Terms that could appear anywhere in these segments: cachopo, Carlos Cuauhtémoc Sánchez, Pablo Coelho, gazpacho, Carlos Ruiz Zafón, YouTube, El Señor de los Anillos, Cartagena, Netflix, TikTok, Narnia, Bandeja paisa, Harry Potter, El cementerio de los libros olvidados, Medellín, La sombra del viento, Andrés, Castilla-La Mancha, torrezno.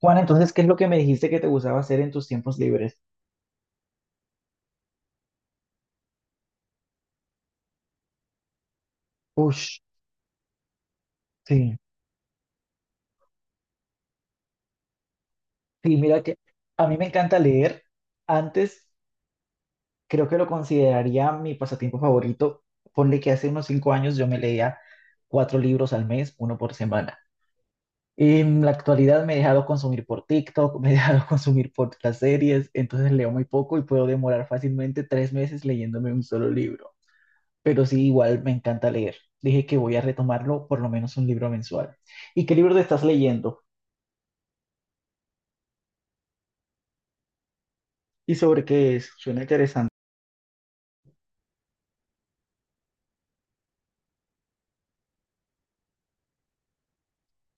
Juan, entonces, ¿qué es lo que me dijiste que te gustaba hacer en tus tiempos libres? Ush, sí. Sí, mira que a mí me encanta leer. Antes creo que lo consideraría mi pasatiempo favorito. Ponle que hace unos 5 años yo me leía cuatro libros al mes, uno por semana. En la actualidad me he dejado consumir por TikTok, me he dejado consumir por las series, entonces leo muy poco y puedo demorar fácilmente 3 meses leyéndome un solo libro. Pero sí, igual me encanta leer. Dije que voy a retomarlo por lo menos un libro mensual. ¿Y qué libro te estás leyendo? ¿Y sobre qué es? Suena interesante.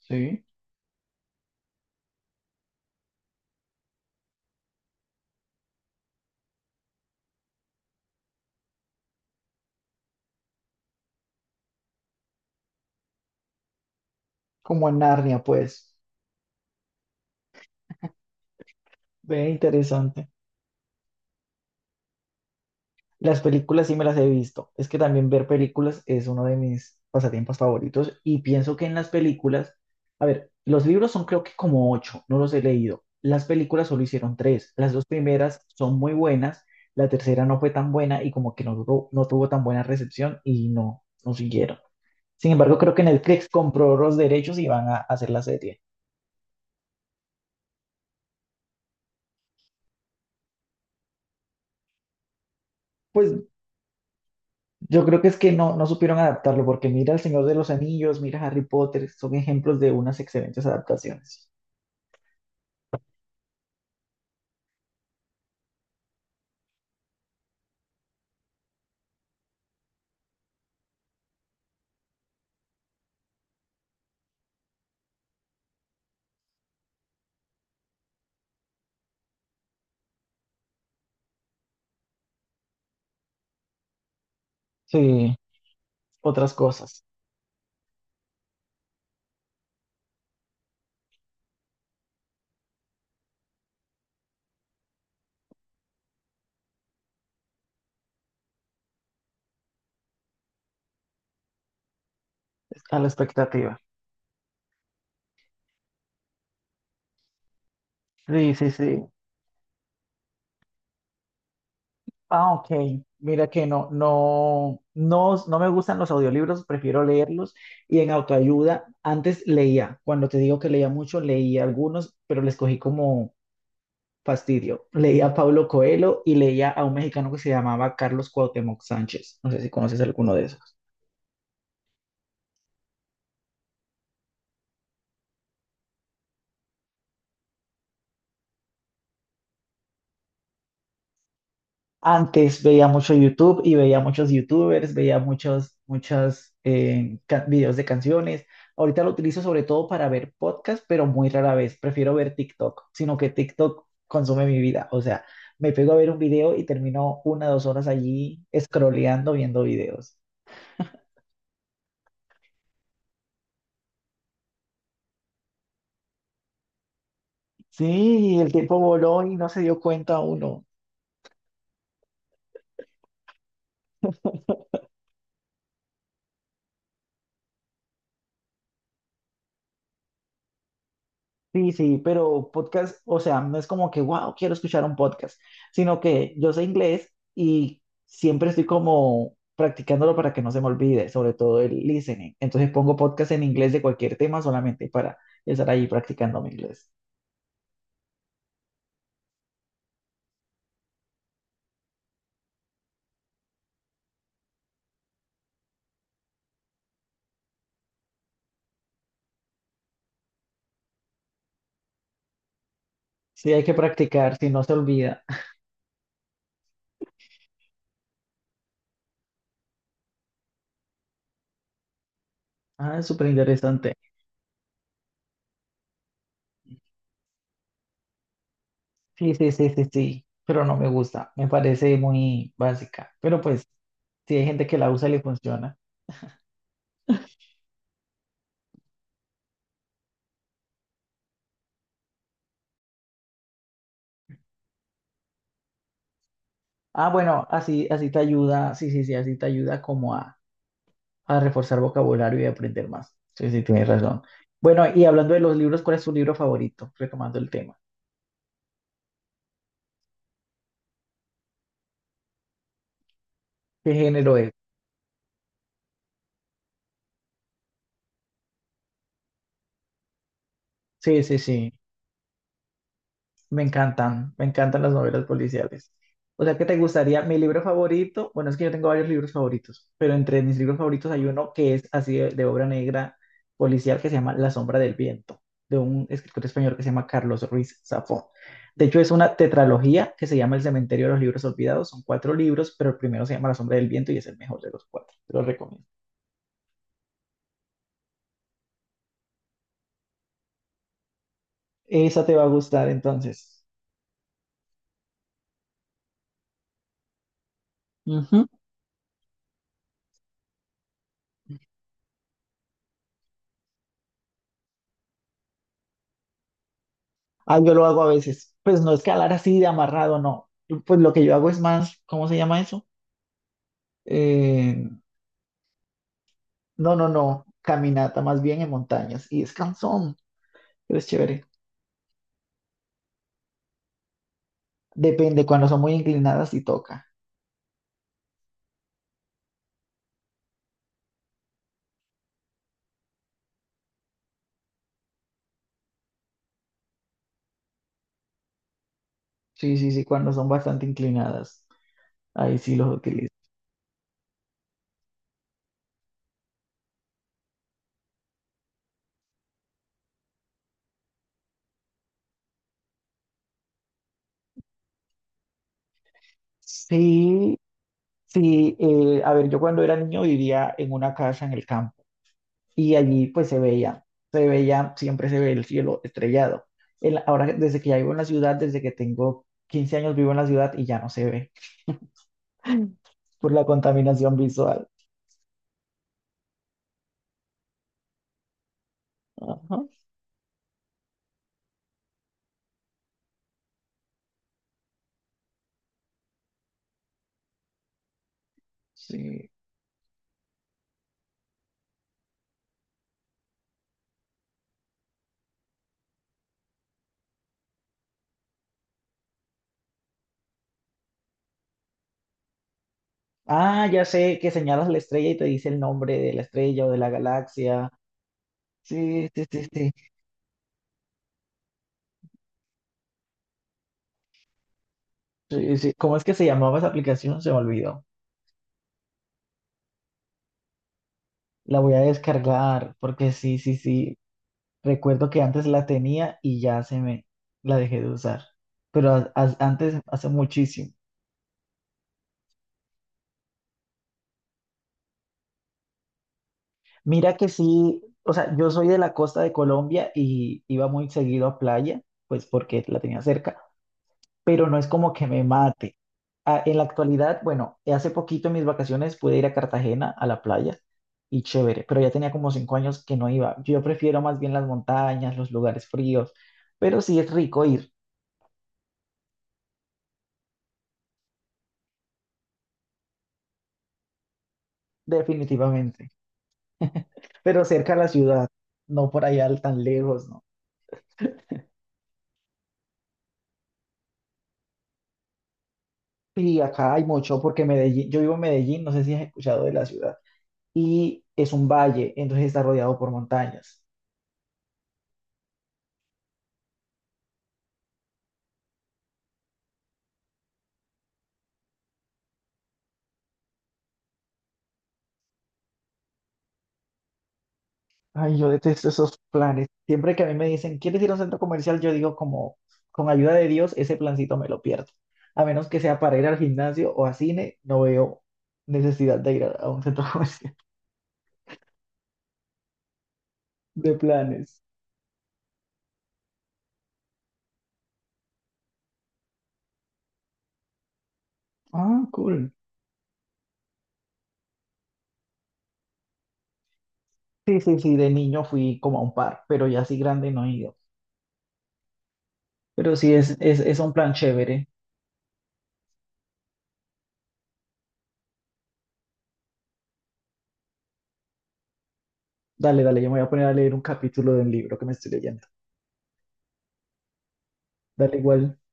Sí, como en Narnia, pues. Ve interesante. Las películas sí me las he visto. Es que también ver películas es uno de mis pasatiempos favoritos y pienso que en las películas, a ver, los libros son creo que como ocho, no los he leído. Las películas solo hicieron tres. Las dos primeras son muy buenas, la tercera no fue tan buena y como que no, no tuvo tan buena recepción y no siguieron. Sin embargo, creo que Netflix compró los derechos y van a hacer la serie. Pues yo creo que es que no supieron adaptarlo, porque mira El Señor de los Anillos, mira Harry Potter, son ejemplos de unas excelentes adaptaciones. Sí, otras cosas, a la expectativa. Sí, sí, sí. Ah, ok. Mira que no, no, no, no me gustan los audiolibros, prefiero leerlos. Y en autoayuda, antes leía, cuando te digo que leía mucho, leía algunos, pero les cogí como fastidio. Leía a Pablo Coelho y leía a un mexicano que se llamaba Carlos Cuauhtémoc Sánchez. No sé si conoces alguno de esos. Antes veía mucho YouTube y veía muchos YouTubers, veía muchos, muchos videos de canciones. Ahorita lo utilizo sobre todo para ver podcasts, pero muy rara vez. Prefiero ver TikTok, sino que TikTok consume mi vida. O sea, me pego a ver un video y termino una 2 horas allí scrolleando, viendo videos. Sí, el tiempo voló y no se dio cuenta uno. Sí, sí, pero podcast, o sea, no es como que, wow, quiero escuchar un podcast, sino que yo sé inglés y siempre estoy como practicándolo para que no se me olvide, sobre todo el listening. Entonces pongo podcast en inglés de cualquier tema solamente para estar ahí practicando mi inglés. Sí, hay que practicar, si no se olvida. Ah, es súper interesante. Sí, sí, sí, sí, sí, pero no me gusta, me parece muy básica, pero pues si hay gente que la usa y le funciona. Ah, bueno, así, así te ayuda, sí, sí, sí, así te ayuda como a reforzar vocabulario y aprender más. Sí, sí, tienes razón. Bueno, y hablando de los libros, ¿cuál es tu libro favorito? Retomando el tema. ¿Qué género es? Sí, sí, sí. Me encantan las novelas policiales. O sea, ¿qué te gustaría? Mi libro favorito, bueno, es que yo tengo varios libros favoritos, pero entre mis libros favoritos hay uno que es así de obra negra policial que se llama La sombra del viento, de un escritor español que se llama Carlos Ruiz Zafón. De hecho, es una tetralogía que se llama El cementerio de los libros olvidados. Son cuatro libros, pero el primero se llama La sombra del viento y es el mejor de los cuatro. Te lo recomiendo. Esa te va a gustar entonces. Ujú. Ah, yo lo hago a veces. Pues no es que hablar así de amarrado, no. Pues lo que yo hago es más, ¿cómo se llama eso? Eh, no, no, no. Caminata más bien en montañas. Y es cansón, pero es chévere. Depende, cuando son muy inclinadas sí toca. Sí, sí, sí, cuando son bastante inclinadas. Ahí sí los utilizo. Sí, sí. A ver, yo cuando era niño vivía en una casa en el campo. Y allí pues se veía, siempre se ve el cielo estrellado. Ahora, desde que ya vivo en la ciudad, desde que tengo 15 años vivo en la ciudad y ya no se ve por la contaminación visual. Ajá, sí. Ah, ya sé que señalas la estrella y te dice el nombre de la estrella o de la galaxia. Sí, sí, sí, sí. Sí, sí. ¿Cómo es que se llamaba esa aplicación? Se me olvidó. La voy a descargar porque sí, sí, sí. Recuerdo que antes la tenía y ya se me la dejé de usar, pero antes hace muchísimo. Mira que sí, o sea, yo soy de la costa de Colombia y iba muy seguido a playa, pues porque la tenía cerca, pero no es como que me mate. Ah, en la actualidad, bueno, hace poquito en mis vacaciones pude ir a Cartagena a la playa y chévere, pero ya tenía como 5 años que no iba. Yo prefiero más bien las montañas, los lugares fríos, pero sí es rico ir, definitivamente. Pero cerca de la ciudad, no por allá tan lejos, ¿no? Y acá hay mucho, porque Medellín, yo vivo en Medellín, no sé si has escuchado de la ciudad, y es un valle, entonces está rodeado por montañas. Ay, yo detesto esos planes. Siempre que a mí me dicen, ¿quieres ir a un centro comercial? Yo digo como, con ayuda de Dios, ese plancito me lo pierdo. A menos que sea para ir al gimnasio o a cine, no veo necesidad de ir a un centro comercial de planes. Ah, cool. Sí, sí, sí, de niño fui como a un par, pero ya así grande no he ido. Pero sí, es un plan chévere. Dale, dale, yo me voy a poner a leer un capítulo del libro que me estoy leyendo. Dale, igual